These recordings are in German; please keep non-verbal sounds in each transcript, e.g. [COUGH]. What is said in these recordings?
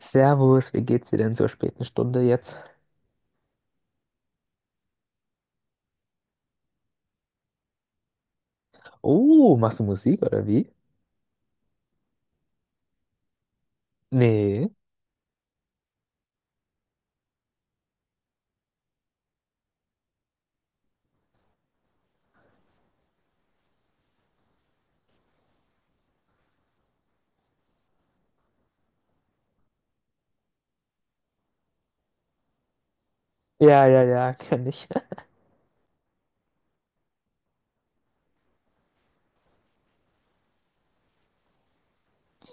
Servus, wie geht's dir denn zur späten Stunde jetzt? Oh, machst du Musik oder wie? Nee. Ja, ja, ja, kenn ich. [LAUGHS]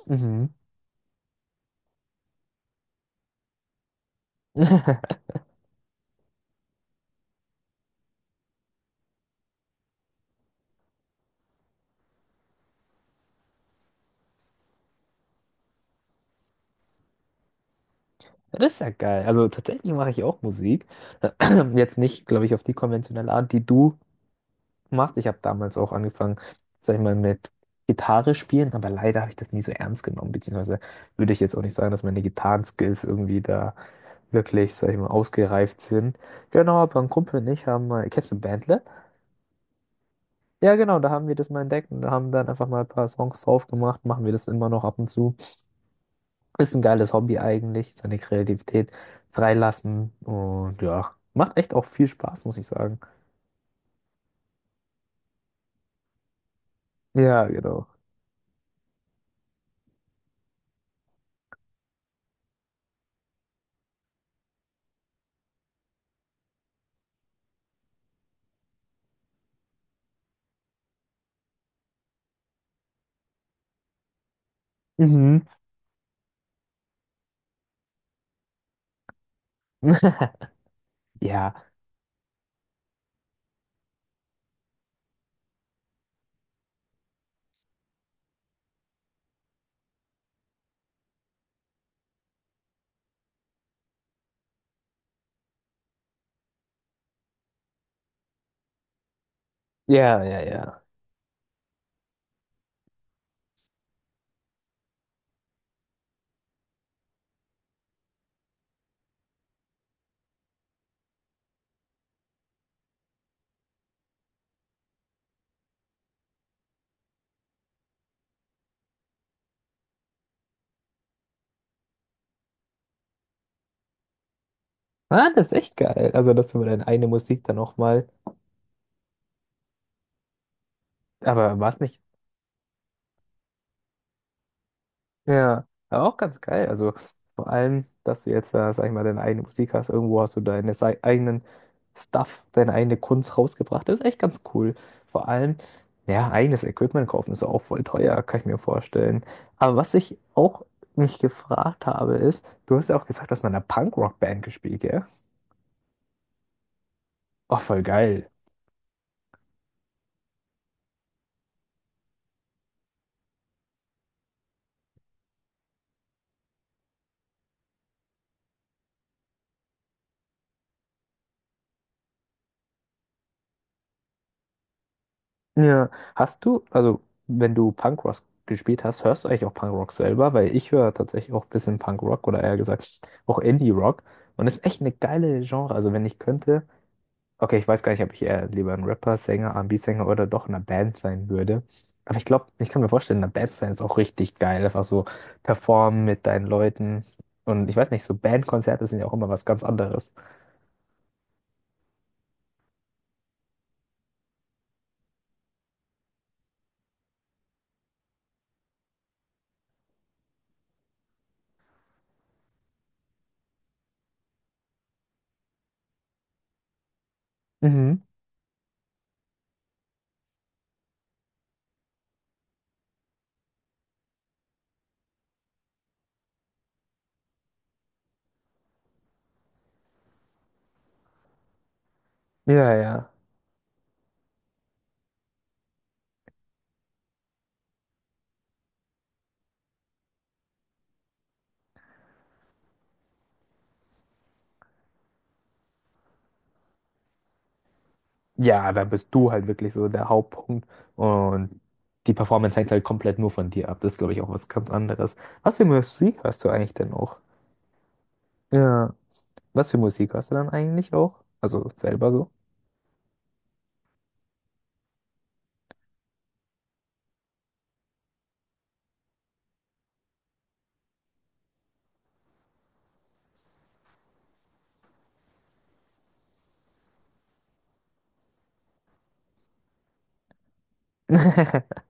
Mhm. Das ist ja geil. Also tatsächlich mache ich auch Musik. [CLEARS THROAT] Jetzt nicht, glaube ich, auf die konventionelle Art, die du machst. Ich habe damals auch angefangen, sag ich mal, mit Gitarre spielen, aber leider habe ich das nie so ernst genommen, beziehungsweise würde ich jetzt auch nicht sagen, dass meine Gitarrenskills irgendwie da wirklich, sag ich mal, ausgereift sind. Genau, aber ein Kumpel und ich haben mal, kennst du Bandle? Ja, genau, da haben wir das mal entdeckt und da haben dann einfach mal ein paar Songs drauf gemacht, machen wir das immer noch ab und zu. Ist ein geiles Hobby eigentlich, seine Kreativität freilassen und ja, macht echt auch viel Spaß, muss ich sagen. Ja, genau. Mhm. [LAUGHS] Ja, ja, ja, ja. Ah, das ist echt geil. Also, dass du deine eigene Musik dann auch mal, aber war es nicht. Ja, aber auch ganz geil. Also vor allem, dass du jetzt, sag ich mal, deine eigene Musik hast. Irgendwo hast du deine eigenen Stuff, deine eigene Kunst rausgebracht. Das ist echt ganz cool. Vor allem, ja, eigenes Equipment kaufen ist auch voll teuer, kann ich mir vorstellen. Aber was ich auch mich gefragt habe, ist, du hast ja auch gesagt, du hast mal in einer Punk-Rock-Band gespielt, ja? Oh, voll geil. Ja, hast du, also wenn du Punkrock gespielt hast, hörst du eigentlich auch Punkrock selber? Weil ich höre tatsächlich auch ein bisschen Punkrock oder eher gesagt auch Indie-Rock. Und ist echt eine geile Genre. Also wenn ich könnte, okay, ich weiß gar nicht, ob ich eher lieber ein Rapper, Sänger, R&B-Sänger oder doch in einer Band sein würde. Aber ich glaube, ich kann mir vorstellen, in einer Band sein ist auch richtig geil. Einfach so performen mit deinen Leuten. Und ich weiß nicht, so Bandkonzerte sind ja auch immer was ganz anderes. Mhm. Ja, ja. Ja, da bist du halt wirklich so der Hauptpunkt und die Performance hängt halt komplett nur von dir ab. Das ist, glaube ich, auch was ganz anderes. Was für Musik hörst du eigentlich denn auch? Ja, was für Musik hörst du dann eigentlich auch? Also selber so? [LAUGHS]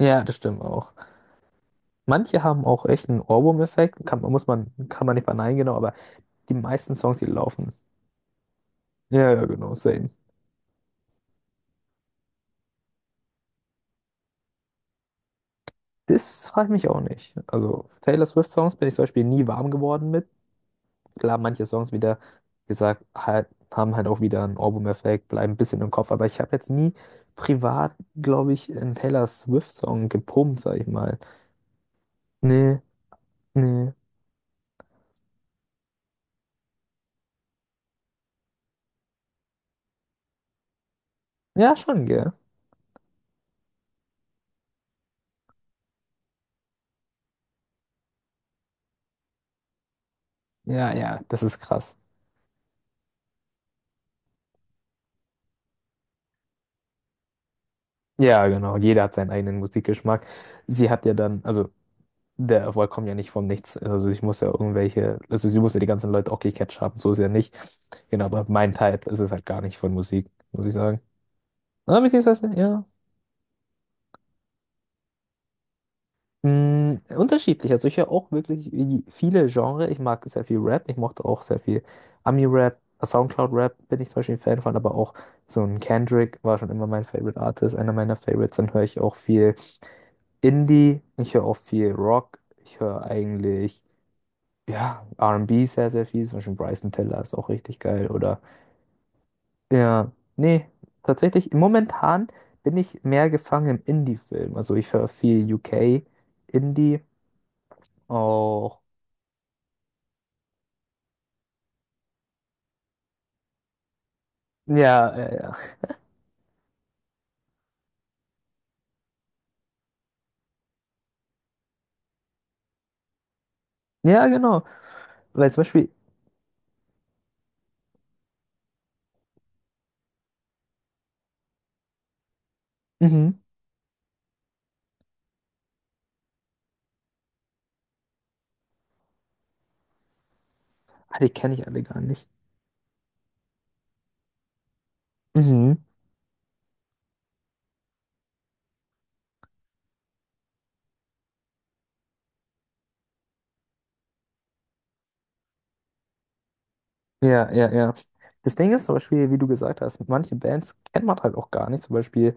Ja, das stimmt auch. Manche haben auch echt einen Ohrwurm-Effekt. Kann, muss man, kann man nicht verneinen, genau, aber die meisten Songs, die laufen. Ja, ja, genau, same. Das frage ich mich auch nicht. Also Taylor Swift-Songs bin ich zum Beispiel nie warm geworden mit. Klar, manche Songs wieder gesagt halt, haben halt auch wieder einen Ohrwurm-Effekt, bleiben ein bisschen im Kopf, aber ich habe jetzt nie privat, glaube ich, einen Taylor Swift-Song gepumpt, sag ich mal. Nee, nee. Ja, schon, gell? Ja, ja, das ist krass. Ja, genau. Jeder hat seinen eigenen Musikgeschmack. Sie hat ja dann, also der Erfolg kommt ja nicht vom Nichts. Also ich muss ja irgendwelche, also sie muss ja die ganzen Leute auch gecatcht haben, so ist ja nicht. Genau, aber mein Type ist es halt gar nicht von Musik, muss ich sagen. Ah, beziehungsweise, ja. Unterschiedlich. Also ich höre auch wirklich wie viele Genres. Ich mag sehr viel Rap. Ich mochte auch sehr viel Ami-Rap, Soundcloud-Rap bin ich zum Beispiel ein Fan von, aber auch so ein Kendrick war schon immer mein Favorite Artist, einer meiner Favorites. Dann höre ich auch viel Indie. Ich höre auch viel Rock. Ich höre eigentlich, ja, R&B sehr, sehr viel. Zum Beispiel Bryson Tiller ist auch richtig geil. Oder, ja, nee, tatsächlich, momentan bin ich mehr gefangen im Indie-Film. Also ich höre viel UK Indie. Auch. Ja, ja, ja. Ja, genau. Weil zum Beispiel, mhm. Ah, die kenne ich alle gar nicht. Mhm. Ja, ja, ja. Das Ding ist zum Beispiel, wie du gesagt hast, manche Bands kennt man halt auch gar nicht. Zum Beispiel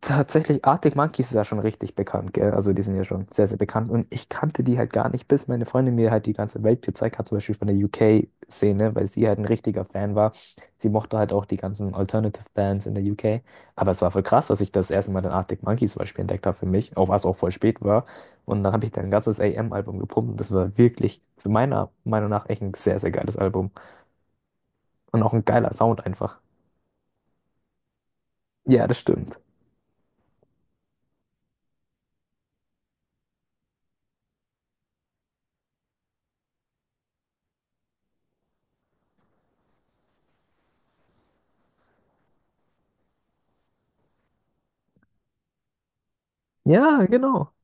tatsächlich, Arctic Monkeys ist ja schon richtig bekannt, gell? Also die sind ja schon sehr, sehr bekannt. Und ich kannte die halt gar nicht, bis meine Freundin mir halt die ganze Welt gezeigt hat, zum Beispiel von der UK-Szene, weil sie halt ein richtiger Fan war. Sie mochte halt auch die ganzen Alternative-Bands in der UK. Aber es war voll krass, dass ich das erste Mal den Arctic Monkeys zum Beispiel entdeckt habe für mich, auch was auch voll spät war. Und dann habe ich dann ein ganzes AM-Album gepumpt und das war wirklich, für meiner Meinung nach, echt ein sehr, sehr geiles Album. Und auch ein geiler Sound einfach. Ja, das stimmt. Ja, genau.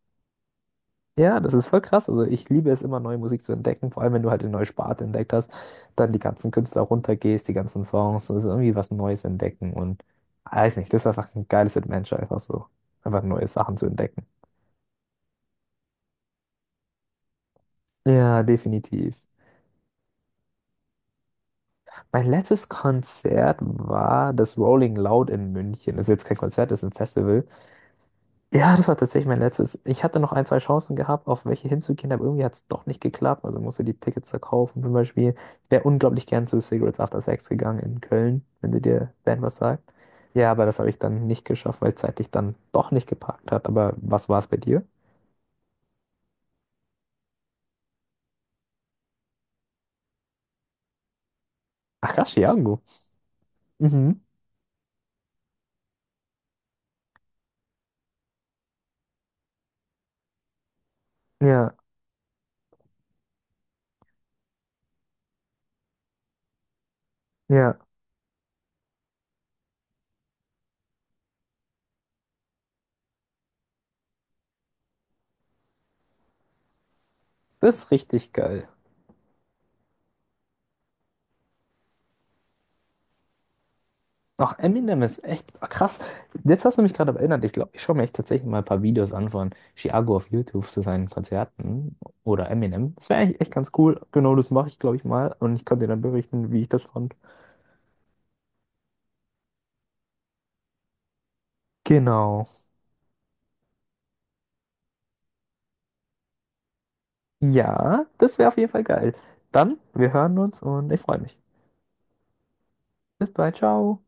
Ja, das ist voll krass. Also ich liebe es immer, neue Musik zu entdecken, vor allem wenn du halt eine neue Sparte entdeckt hast, dann die ganzen Künstler runtergehst, die ganzen Songs, das ist irgendwie was Neues entdecken und weiß nicht, das ist einfach ein geiles Adventure, einfach so, einfach neue Sachen zu entdecken. Ja, definitiv. Mein letztes Konzert war das Rolling Loud in München. Das ist jetzt kein Konzert, das ist ein Festival. Ja, das war tatsächlich mein letztes. Ich hatte noch ein, zwei Chancen gehabt, auf welche hinzugehen, aber irgendwie hat es doch nicht geklappt. Also musste die Tickets verkaufen. Zum Beispiel, ich wäre unglaublich gern zu Cigarettes After Sex gegangen in Köln, wenn du dir Band was sagt. Ja, aber das habe ich dann nicht geschafft, weil es zeitlich dann doch nicht gepackt hat. Aber was war es bei dir? Ach, Chiango. Mhm. Ja, ja. Das ist richtig geil. Ach, Eminem ist echt krass. Jetzt hast du mich gerade erinnert. Ich glaube, ich schaue mir echt tatsächlich mal ein paar Videos an von Chiago auf YouTube zu seinen Konzerten oder Eminem. Das wäre eigentlich echt ganz cool. Genau, das mache ich, glaube ich, mal. Und ich kann dir dann berichten, wie ich das fand. Genau. Ja, das wäre auf jeden Fall geil. Dann, wir hören uns und ich freue mich. Bis bald, ciao.